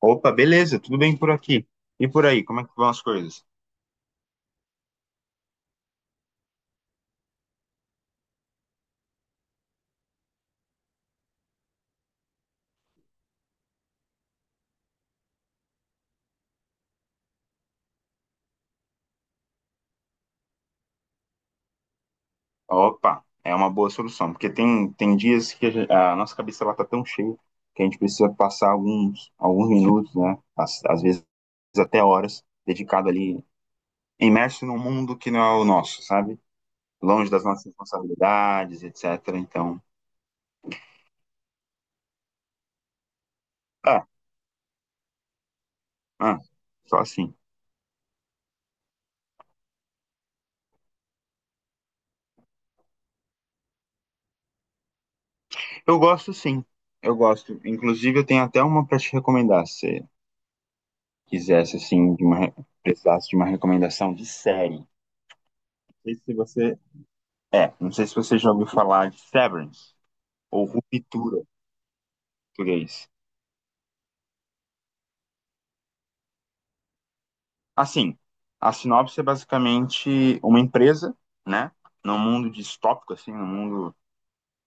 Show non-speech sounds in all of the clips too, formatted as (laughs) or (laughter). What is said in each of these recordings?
Opa, beleza, tudo bem por aqui. E por aí, como é que vão as coisas? Opa, é uma boa solução, porque tem dias que a nossa cabeça ela tá tão cheia que a gente precisa passar alguns minutos, né? Às vezes até horas, dedicado ali, imerso num mundo que não é o nosso, sabe? Longe das nossas responsabilidades, etc. Então, ah, ah, só assim. Eu gosto sim, eu gosto. Inclusive, eu tenho até uma para te recomendar. Quisesse, assim, de uma, precisasse de uma recomendação de série. Não sei se você. É, não sei se você já ouviu falar de Severance ou Ruptura em português. Assim, a sinopse é basicamente uma empresa, né? Num mundo distópico, assim, num mundo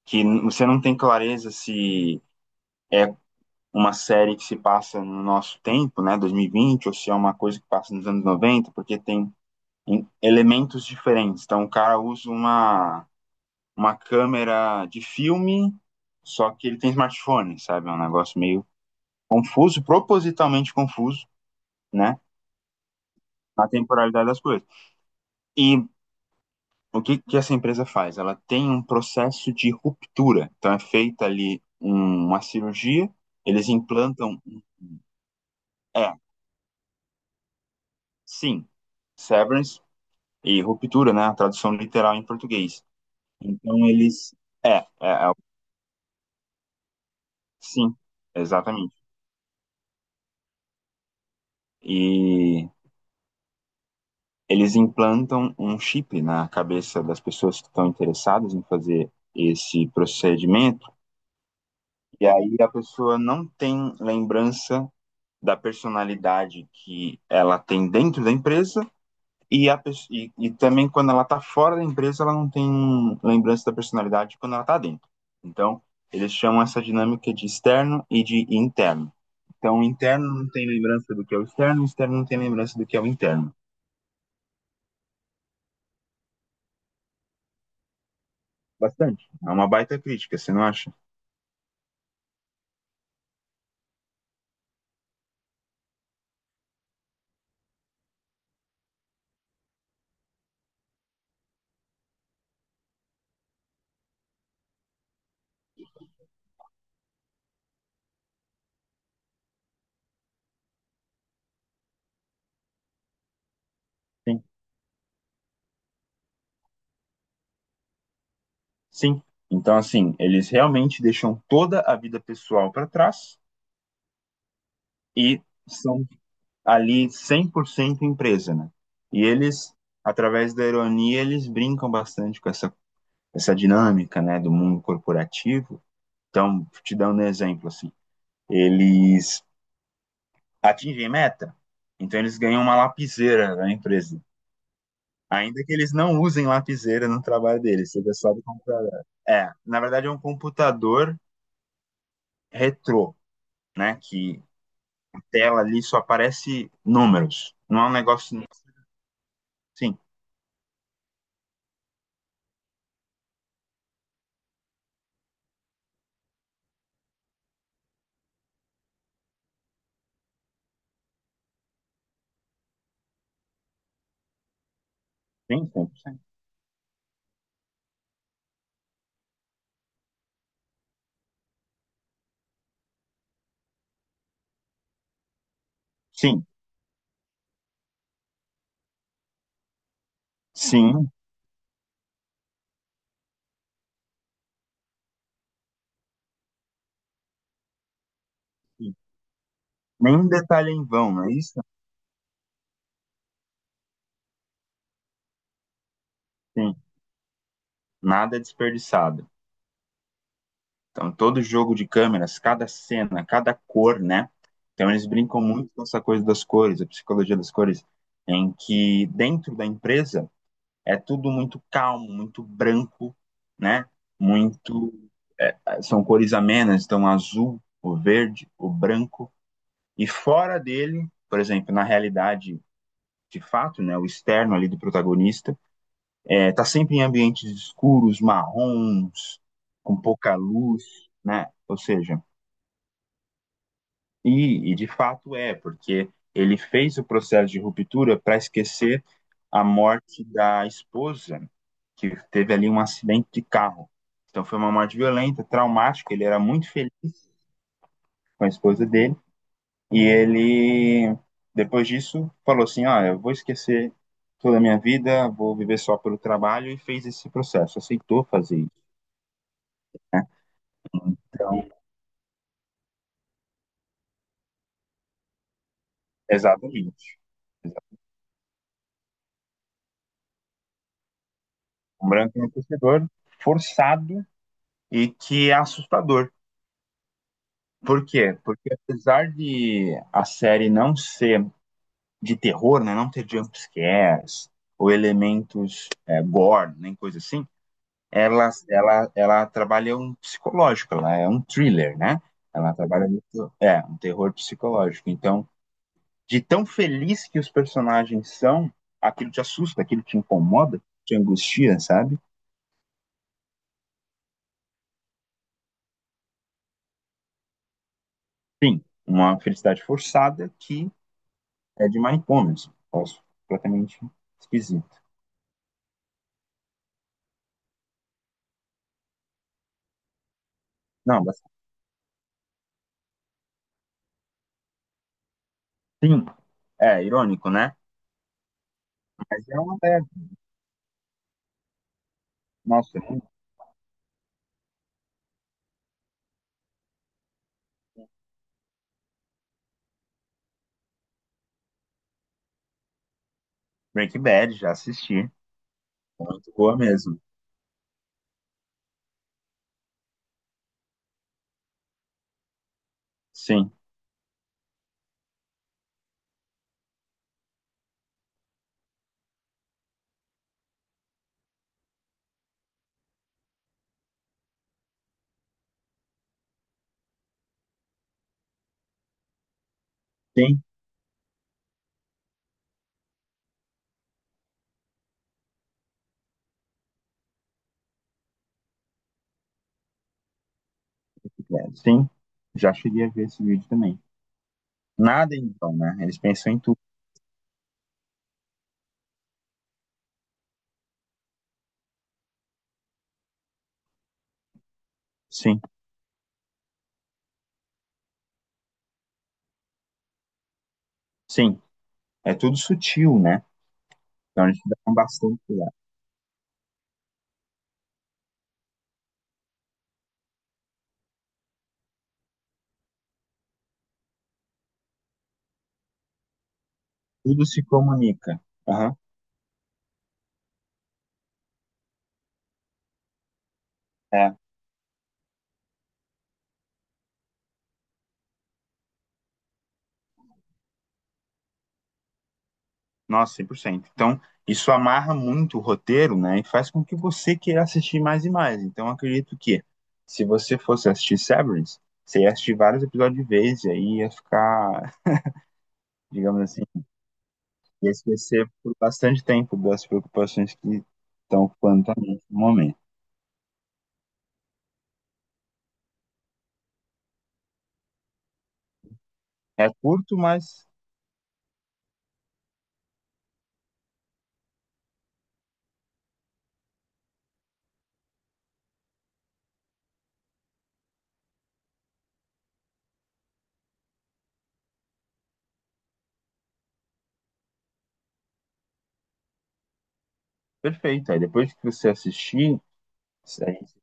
que você não tem clareza se é uma série que se passa no nosso tempo, né, 2020, ou se é uma coisa que passa nos anos 90, porque tem elementos diferentes. Então, o cara usa uma câmera de filme, só que ele tem smartphone, sabe? É um negócio meio confuso, propositalmente confuso, né? Na temporalidade das coisas. E o que essa empresa faz? Ela tem um processo de ruptura. Então é feita ali uma cirurgia, eles implantam. É, sim, severance e ruptura, né? A tradução literal em português. Então eles. É, sim, exatamente. E eles implantam um chip na cabeça das pessoas que estão interessadas em fazer esse procedimento, e aí a pessoa não tem lembrança da personalidade que ela tem dentro da empresa, e, a, e também, quando ela está fora da empresa, ela não tem lembrança da personalidade quando ela está dentro. Então, eles chamam essa dinâmica de externo e de interno. Então, o interno não tem lembrança do que é o externo não tem lembrança do que é o interno. Bastante. É uma baita crítica, você não acha? Sim, sim. Então, assim, eles realmente deixam toda a vida pessoal para trás e são ali 100% empresa, né? E eles, através da ironia, eles brincam bastante com essa dinâmica, né, do mundo corporativo. Então, te dando um exemplo, assim, eles atingem meta, então eles ganham uma lapiseira da empresa. Ainda que eles não usem lapiseira no trabalho deles, seja só do computador. É, na verdade é um computador retrô, né, que tela ali só aparece números. Não é um negócio. Sim, sim, 100%. Sim, sim. Sim. Nenhum detalhe em vão, não é isso? Sim. Nada é desperdiçado. Então, todo jogo de câmeras, cada cena, cada cor, né? Então, eles brincam muito com essa coisa das cores, a psicologia das cores, em que dentro da empresa é tudo muito calmo, muito branco, né? Muito. São cores amenas, então azul, o verde, o branco. E fora dele, por exemplo, na realidade de fato, né, o externo ali do protagonista, tá sempre em ambientes escuros, marrons, com pouca luz, né? Ou seja, e de fato é, porque ele fez o processo de ruptura para esquecer a morte da esposa, que teve ali um acidente de carro. Então foi uma morte violenta, traumática, ele era muito feliz com a esposa dele. E ele, depois disso, falou assim: ah, eu vou esquecer toda a minha vida, vou viver só pelo trabalho, e fez esse processo, aceitou fazer isso, né? Então, exatamente. Um branco é um torcedor forçado e que é assustador. Por quê? Porque apesar de a série não ser de terror, né, não ter jumpscares ou elementos gore, nem coisa assim, ela trabalha um psicológico, ela é um thriller, né? Ela trabalha muito, um terror psicológico. Então, de tão feliz que os personagens são, aquilo te assusta, aquilo te incomoda, te angustia, sabe? Sim, uma felicidade forçada, que é de manicômio, posso completamente esquisito. Não, mas sim, é irônico, né? Mas é uma leve. Nossa, é um Breaking Bad, já assisti. Muito boa mesmo. Sim. Sim. É, sim, já cheguei a ver esse vídeo também. Nada então, né? Eles pensam em tudo. Sim, sim. É tudo sutil, né? Então eles dão bastante cuidado. Tudo se comunica. Aham. É. Nossa, 100%. Então, isso amarra muito o roteiro, né? E faz com que você queira assistir mais e mais. Então, eu acredito que, se você fosse assistir Severance, você ia assistir vários episódios de vez e aí ia ficar, (laughs) digamos assim, ia esquecer por bastante tempo das preocupações que estão ocupando a mente no momento. É curto, mas perfeito. Aí depois que você assistir, a gente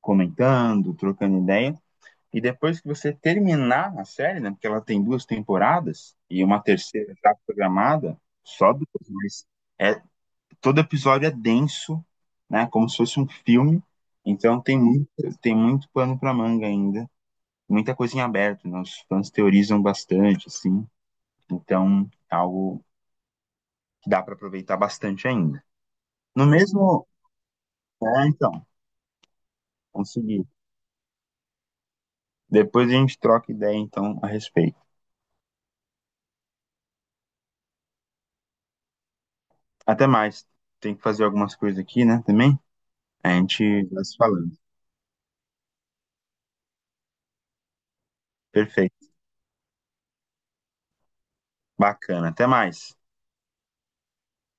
comentando, trocando ideia, e depois que você terminar a série, né, porque ela tem 2 temporadas e uma terceira já programada, só 2, mas é, todo episódio é denso, né, como se fosse um filme. Então tem muito pano para manga ainda, muita coisa em aberto, né? Os fãs teorizam bastante, assim. Então, é algo que dá para aproveitar bastante ainda. No mesmo, então, consegui. Depois a gente troca ideia, então, a respeito. Até mais. Tem que fazer algumas coisas aqui, né, também? A gente vai se falando. Perfeito. Bacana. Até mais.